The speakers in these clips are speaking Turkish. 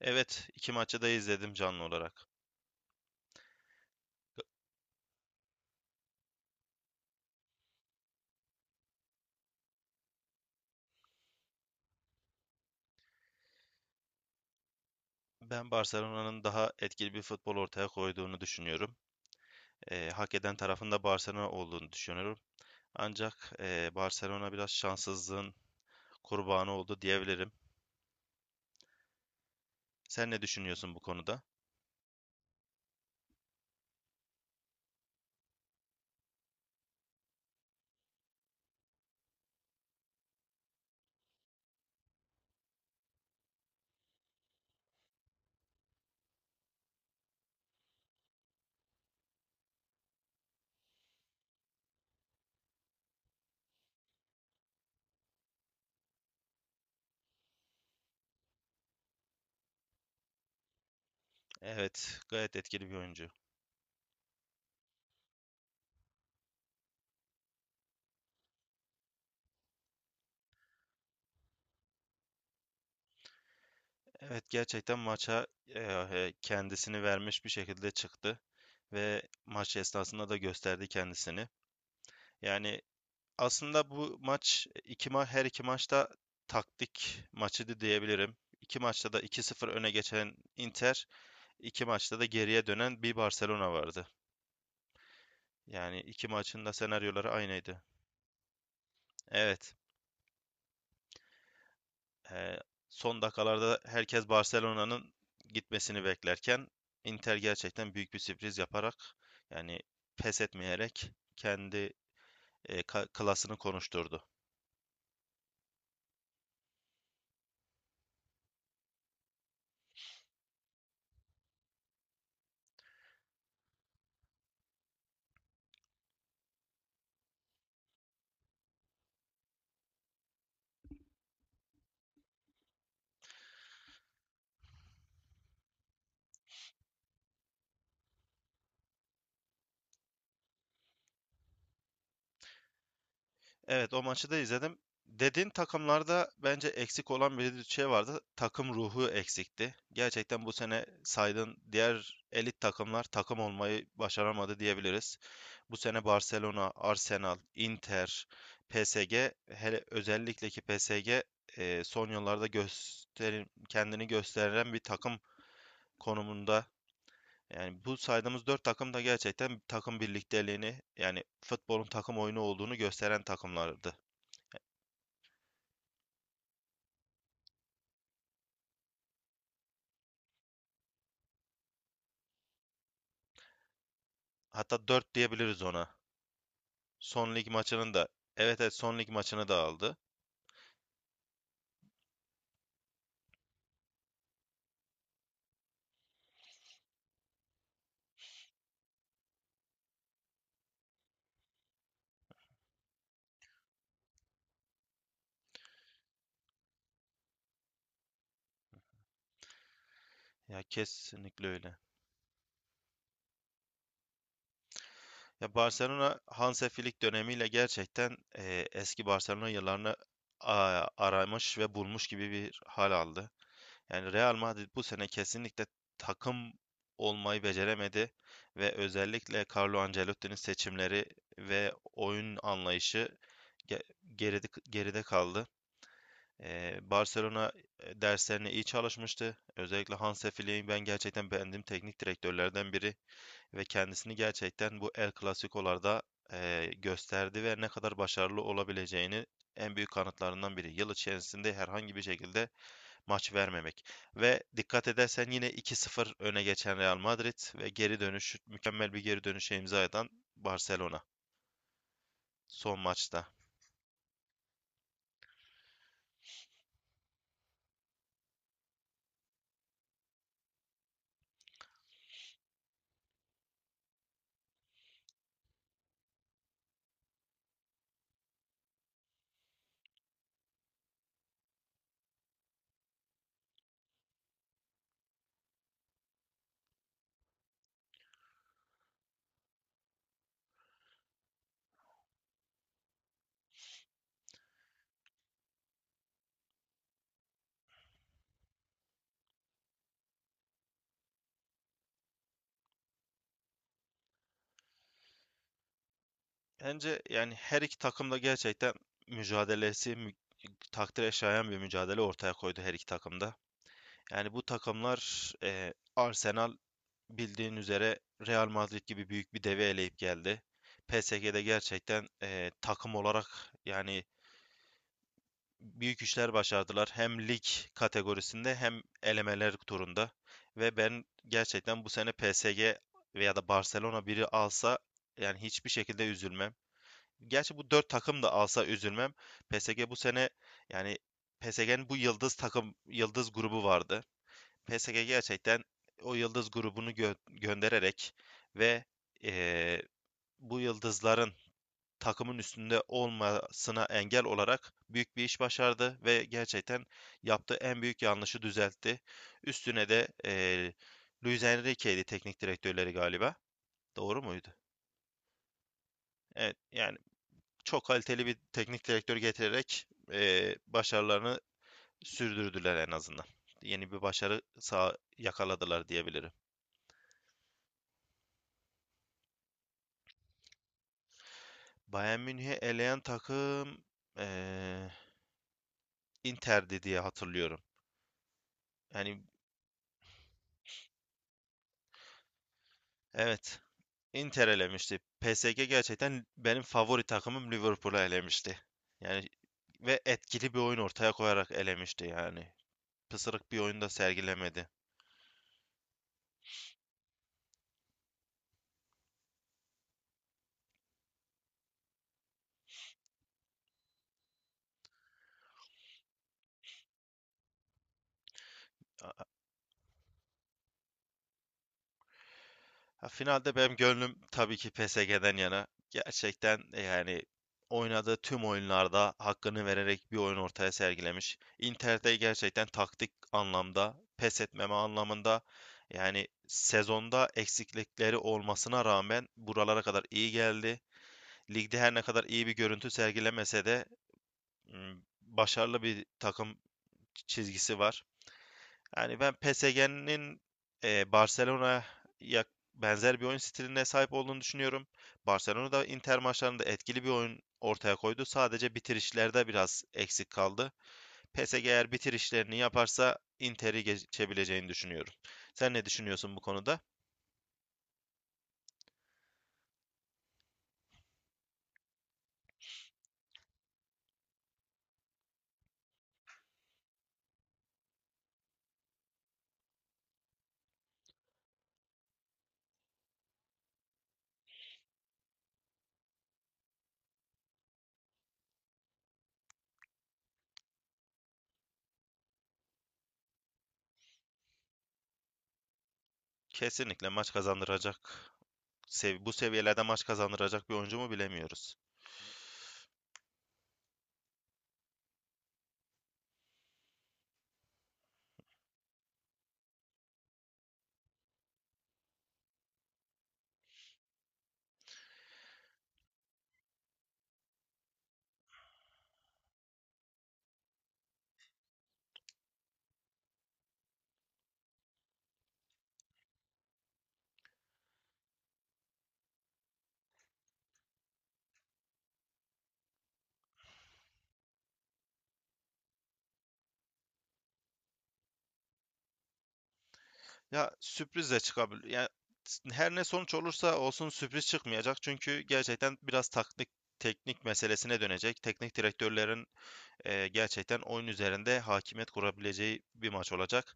Evet, iki maçı da izledim canlı olarak. Ben Barcelona'nın daha etkili bir futbol ortaya koyduğunu düşünüyorum. Hak eden tarafında Barcelona olduğunu düşünüyorum. Ancak Barcelona biraz şanssızlığın kurbanı oldu diyebilirim. Sen ne düşünüyorsun bu konuda? Evet, gayet etkili bir oyuncu. Evet, gerçekten maça kendisini vermiş bir şekilde çıktı ve maç esnasında da gösterdi kendisini. Yani aslında bu maç iki ma her iki maçta taktik maçıydı diyebilirim. İki maçta da iki sıfır öne geçen Inter, iki maçta da geriye dönen bir Barcelona vardı. Yani iki maçın da senaryoları aynıydı. Evet, eee, son dakikalarda herkes Barcelona'nın gitmesini beklerken Inter gerçekten büyük bir sürpriz yaparak yani pes etmeyerek kendi klasını konuşturdu. Evet, o maçı da izledim. Dediğin takımlarda bence eksik olan bir şey vardı. Takım ruhu eksikti. Gerçekten bu sene saydığın diğer elit takımlar takım olmayı başaramadı diyebiliriz. Bu sene Barcelona, Arsenal, Inter, PSG, hele özellikle ki PSG son yıllarda gösterim, kendini gösteren bir takım konumunda. Yani bu saydığımız dört takım da gerçekten takım birlikteliğini yani futbolun takım oyunu olduğunu gösteren takımlardı. Hatta 4 diyebiliriz ona. Son lig maçının da. Evet, evet, son lig maçını da aldı. Ya kesinlikle öyle. Ya Barcelona Hansi Flick dönemiyle gerçekten eski Barcelona yıllarını aramış ve bulmuş gibi bir hal aldı. Yani Real Madrid bu sene kesinlikle takım olmayı beceremedi ve özellikle Carlo Ancelotti'nin seçimleri ve oyun anlayışı ge- geride kaldı. Barcelona derslerine iyi çalışmıştı. Özellikle Hansi Flick'i ben gerçekten beğendiğim teknik direktörlerden biri ve kendisini gerçekten bu El Clasico'larda gösterdi ve ne kadar başarılı olabileceğini en büyük kanıtlarından biri. Yıl içerisinde herhangi bir şekilde maç vermemek. Ve dikkat edersen yine 2-0 öne geçen Real Madrid ve geri dönüş, mükemmel bir geri dönüşe imza atan Barcelona son maçta. Bence yani her iki takım da gerçekten mücadelesi mü- takdire şayan bir mücadele ortaya koydu her iki takımda. Yani bu takımlar Arsenal bildiğin üzere Real Madrid gibi büyük bir devi eleyip geldi. PSG'de gerçekten takım olarak yani büyük işler başardılar. Hem lig kategorisinde hem elemeler turunda. Ve ben gerçekten bu sene PSG veya da Barcelona biri alsa yani hiçbir şekilde üzülmem. Gerçi bu dört takım da alsa üzülmem. PSG bu sene yani PSG'nin bu yıldız takım yıldız grubu vardı. PSG gerçekten o yıldız grubunu göndererek ve eee, bu yıldızların takımın üstünde olmasına engel olarak büyük bir iş başardı ve gerçekten yaptığı en büyük yanlışı düzeltti. Üstüne de Luis Enrique'ydi teknik direktörleri galiba. Doğru muydu? Evet, yani çok kaliteli bir teknik direktör getirerek başarılarını sürdürdüler en azından. Yeni bir başarı sağ yakaladılar diyebilirim. Bayern Münih'i eleyen takım eee Inter'di diye hatırlıyorum. Yani evet, Inter elemişti. PSG gerçekten benim favori takımım Liverpool'u elemişti. Yani ve etkili bir oyun ortaya koyarak elemişti yani. Pısırık bir oyunda sergilemedi. Ha, finalde benim gönlüm tabii ki PSG'den yana. Gerçekten yani oynadığı tüm oyunlarda hakkını vererek bir oyun ortaya sergilemiş. Inter'de gerçekten taktik anlamda, pes etmeme anlamında yani sezonda eksiklikleri olmasına rağmen buralara kadar iyi geldi. Ligde her ne kadar iyi bir görüntü sergilemese de m, başarılı bir takım çizgisi var. Yani ben PSG'nin Barcelona'ya benzer bir oyun stiline sahip olduğunu düşünüyorum. Barcelona da Inter maçlarında etkili bir oyun ortaya koydu. Sadece bitirişlerde biraz eksik kaldı. PSG eğer bitirişlerini yaparsa Inter'i geçebileceğini düşünüyorum. Sen ne düşünüyorsun bu konuda? Kesinlikle maç kazandıracak. Bu seviyelerde maç kazandıracak bir oyuncu mu bilemiyoruz. Ya sürpriz de çıkabilir. Yani her ne sonuç olursa olsun sürpriz çıkmayacak. Çünkü gerçekten biraz taktik teknik meselesine dönecek. Teknik direktörlerin gerçekten oyun üzerinde hakimiyet kurabileceği bir maç olacak.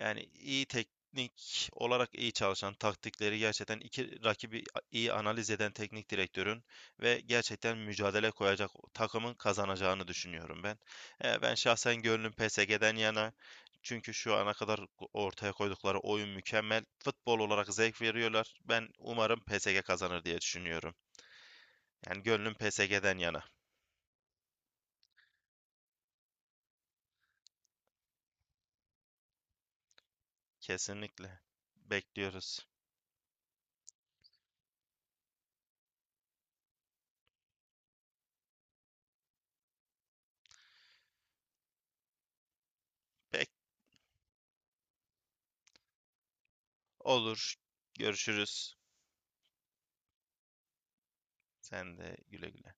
Yani iyi teknik olarak iyi çalışan, taktikleri gerçekten iki rakibi iyi analiz eden teknik direktörün ve gerçekten mücadele koyacak takımın kazanacağını düşünüyorum ben. E, ben şahsen gönlüm PSG'den yana. Çünkü şu ana kadar ortaya koydukları oyun mükemmel. Futbol olarak zevk veriyorlar. Ben umarım PSG kazanır diye düşünüyorum. Yani gönlüm PSG'den yana. Kesinlikle. Bekliyoruz. Bek olur. Görüşürüz. Sen de güle güle.